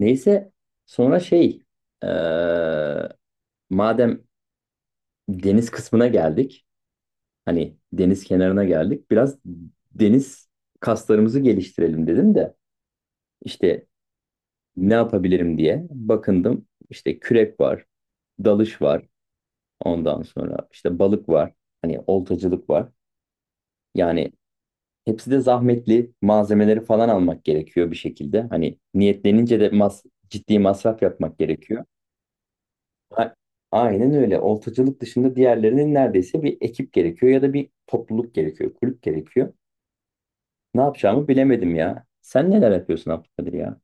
Neyse, sonra şey eee, madem deniz kısmına geldik, hani deniz kenarına geldik biraz, deniz kaslarımızı geliştirelim dedim de, işte ne yapabilirim diye bakındım. İşte kürek var, dalış var, ondan sonra işte balık var, hani oltacılık var. Yani hepsi de zahmetli, malzemeleri falan almak gerekiyor bir şekilde, hani niyetlenince de ciddi masraf yapmak gerekiyor. A- Aynen öyle. Oltacılık dışında diğerlerinin neredeyse bir ekip gerekiyor ya da bir topluluk gerekiyor, kulüp gerekiyor. Ne yapacağımı bilemedim ya. Sen neler yapıyorsun Abdülkadir ya?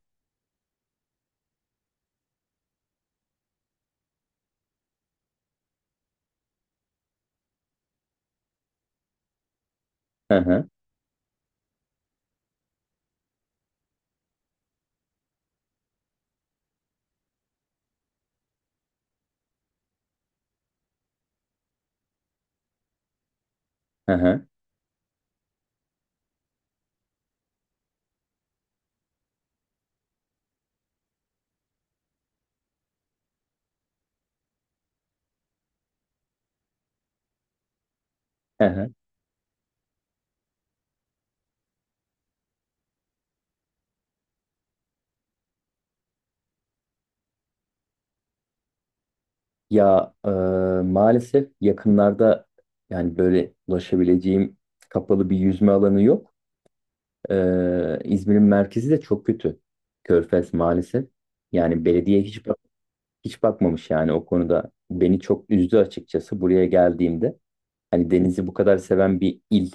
Hı hı, hı hı, hı hı. Ya maalesef yakınlarda, yani böyle ulaşabileceğim kapalı bir yüzme alanı yok. E, İzmir'in merkezi de çok kötü. Körfez maalesef. Yani belediye hiç hiç bakmamış, yani o konuda beni çok üzdü açıkçası buraya geldiğimde. Hani denizi bu kadar seven bir il,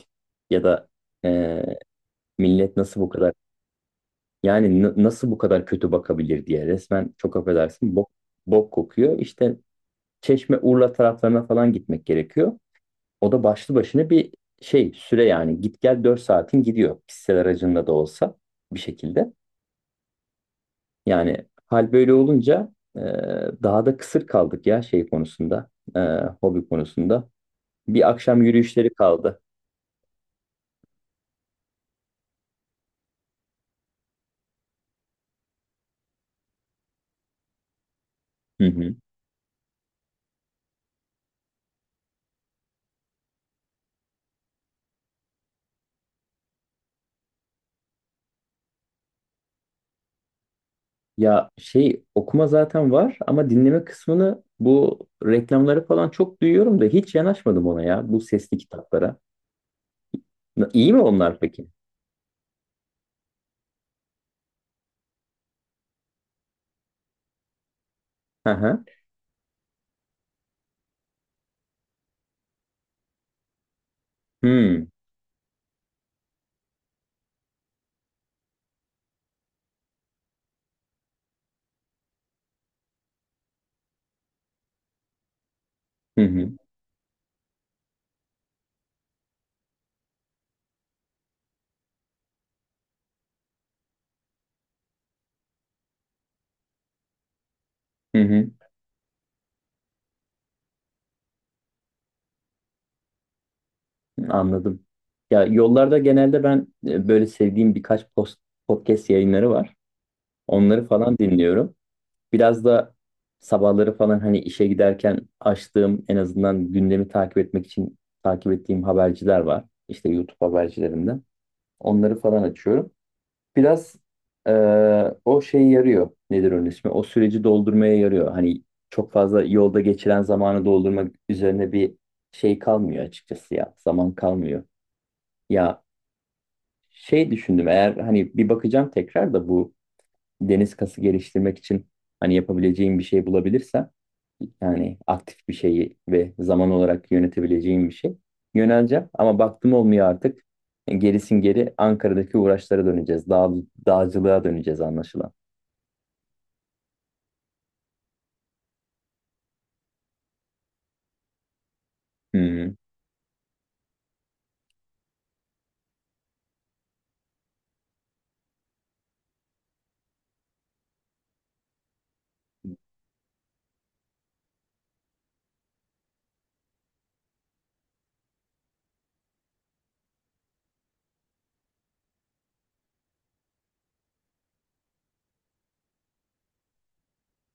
ya da e, millet nasıl bu kadar, yani nasıl bu kadar kötü bakabilir diye, resmen çok affedersin bok kokuyor. İşte Çeşme Urla taraflarına falan gitmek gerekiyor. O da başlı başına bir şey süre, yani git gel 4 saatin gidiyor, kişisel aracında da olsa bir şekilde. Yani hal böyle olunca daha da kısır kaldık ya şey konusunda, e, hobi konusunda. Bir akşam yürüyüşleri kaldı. Hı hı. Ya şey okuma zaten var ama dinleme kısmını, bu reklamları falan çok duyuyorum da hiç yanaşmadım ona ya, bu sesli kitaplara. İyi mi onlar peki? Hı hı. Hmm. Hı hı. Hı hı. Anladım. Ya yollarda genelde ben böyle sevdiğim birkaç podcast yayınları var. Onları falan dinliyorum. Biraz da sabahları falan hani işe giderken açtığım, en azından gündemi takip etmek için takip ettiğim haberciler var. İşte YouTube habercilerinden. Onları falan açıyorum. Biraz eee, o şey yarıyor. Nedir onun ismi? O süreci doldurmaya yarıyor. Hani çok fazla yolda geçiren zamanı doldurmak üzerine bir şey kalmıyor açıkçası ya. Zaman kalmıyor. Ya şey düşündüm, eğer hani bir bakacağım tekrar da bu deniz kası geliştirmek için hani yapabileceğim bir şey bulabilirsem, yani aktif bir şeyi ve zaman olarak yönetebileceğim bir şey, yöneleceğim. Ama baktım olmuyor artık. E, gerisin geri Ankara'daki uğraşlara döneceğiz. Dağcılığa döneceğiz anlaşılan. Hı,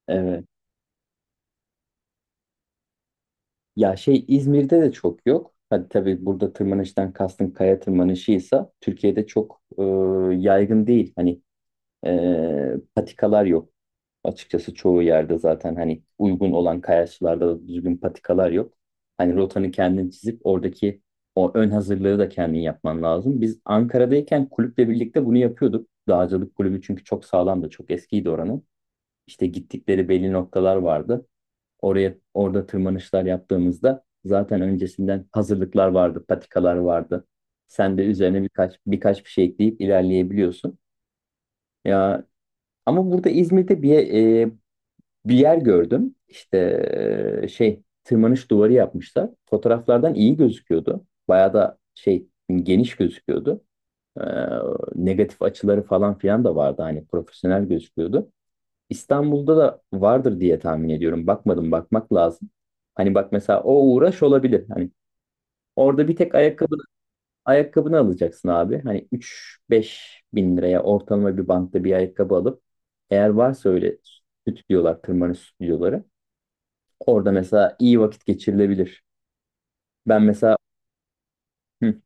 evet. Ya şey İzmir'de de çok yok. Hadi tabii burada tırmanıştan kastın kaya tırmanışıysa, Türkiye'de çok yaygın değil. Hani patikalar yok. Açıkçası çoğu yerde zaten hani uygun olan kayaçlarda da düzgün patikalar yok. Hani rotanı kendin çizip oradaki o ön hazırlığı da kendin yapman lazım. Biz Ankara'dayken kulüple birlikte bunu yapıyorduk. Dağcılık kulübü çünkü çok sağlamdı, çok eskiydi oranın. İşte gittikleri belli noktalar vardı. Oraya, orada tırmanışlar yaptığımızda zaten öncesinden hazırlıklar vardı, patikalar vardı. Sen de üzerine birkaç bir şey ekleyip ilerleyebiliyorsun. Ya ama burada İzmir'de bir yer gördüm. İşte şey tırmanış duvarı yapmışlar. Fotoğraflardan iyi gözüküyordu. Bayağı da şey geniş gözüküyordu. E, negatif açıları falan filan da vardı. Hani profesyonel gözüküyordu. İstanbul'da da vardır diye tahmin ediyorum. Bakmadım, bakmak lazım. Hani bak mesela, o uğraş olabilir. Hani orada bir tek ayakkabını alacaksın abi. Hani 3-5 bin liraya ortalama bir bankta bir ayakkabı alıp, eğer varsa öyle stüdyolar, tırmanış stüdyoları, orada mesela iyi vakit geçirilebilir. Ben mesela hı,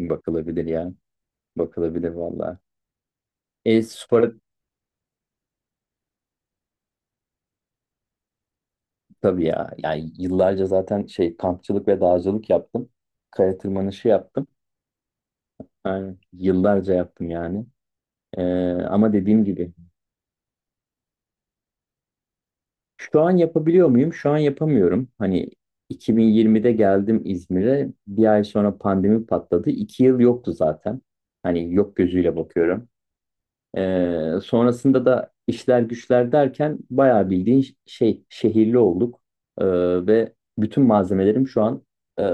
bakılabilir ya. Bakılabilir valla. E, spora tabii ya. Yani yıllarca zaten şey kampçılık ve dağcılık yaptım. Kaya tırmanışı yaptım. Yani yıllarca yaptım yani. E, ama dediğim gibi şu an yapabiliyor muyum? Şu an yapamıyorum. Hani 2020'de geldim İzmir'e. Bir ay sonra pandemi patladı. 2 yıl yoktu zaten. Hani yok gözüyle bakıyorum. Sonrasında da işler güçler derken bayağı bildiğin şey şehirli olduk. Ee, ve bütün malzemelerim şu an ee,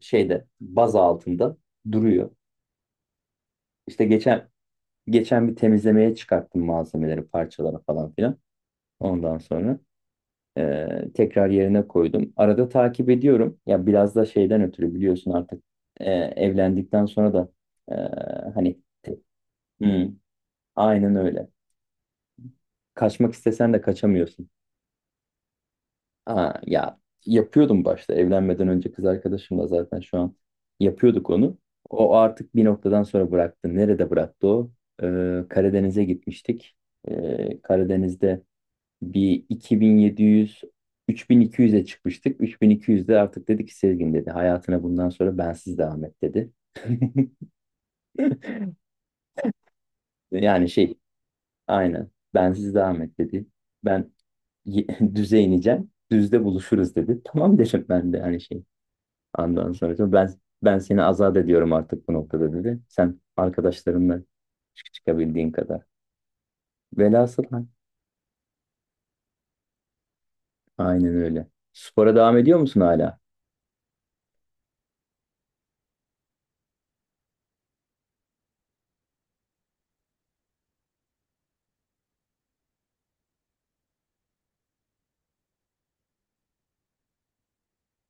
şeyde baz altında duruyor. İşte geçen bir temizlemeye çıkarttım malzemeleri, parçalara falan filan. Ondan sonra tekrar yerine koydum. Arada takip ediyorum. Ya biraz da şeyden ötürü biliyorsun artık evlendikten sonra da hani. Hmm, aynen öyle. Kaçmak istesen de kaçamıyorsun. Aa, ya yapıyordum başta, evlenmeden önce kız arkadaşımla zaten, şu an yapıyorduk onu. O artık bir noktadan sonra bıraktı. Nerede bıraktı o? Karadeniz'e gitmiştik. Karadeniz'de bir 2700, 3200'e çıkmıştık. 3200'de artık dedi ki, Sezgin dedi, hayatına bundan sonra bensiz devam et dedi. Yani şey aynen bensiz devam et dedi. Ben y- düze ineceğim. Düzde buluşuruz dedi. Tamam dedim ben de hani şey. Ondan sonra diyor, ben seni azat ediyorum artık bu noktada dedi. Sen arkadaşlarınla çıkabildiğin kadar. Velhasıl aynen öyle. Spora devam ediyor musun hala?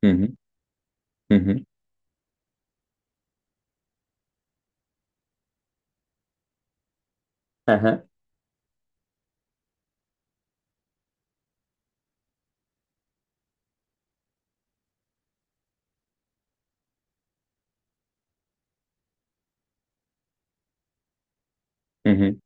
Hı hı, hı hı. Hı hı, hı hı,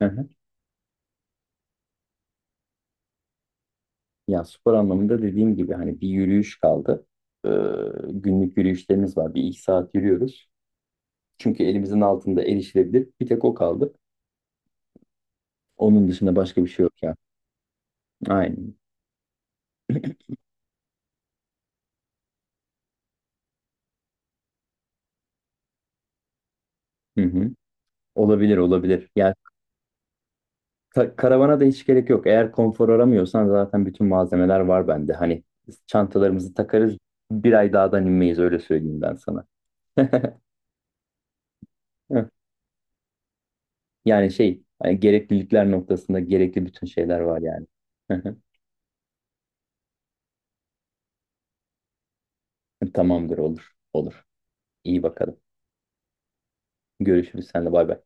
hı hı. Ya spor anlamında dediğim gibi, hani bir yürüyüş kaldı. Ee, günlük yürüyüşlerimiz var. Bir iki saat yürüyoruz. Çünkü elimizin altında, erişilebilir. Bir tek o kaldı. Onun dışında başka bir şey yok ya. Aynen. Hı hı. Olabilir olabilir. Ya karavana da hiç gerek yok. Eğer konfor aramıyorsan zaten bütün malzemeler var bende. Hani biz çantalarımızı takarız. Bir ay dağdan inmeyiz öyle söyleyeyim ben sana. Yani şey hani, gereklilikler noktasında gerekli bütün şeyler var yani. Tamamdır, olur. Olur. İyi bakalım. Görüşürüz senle, bay bay.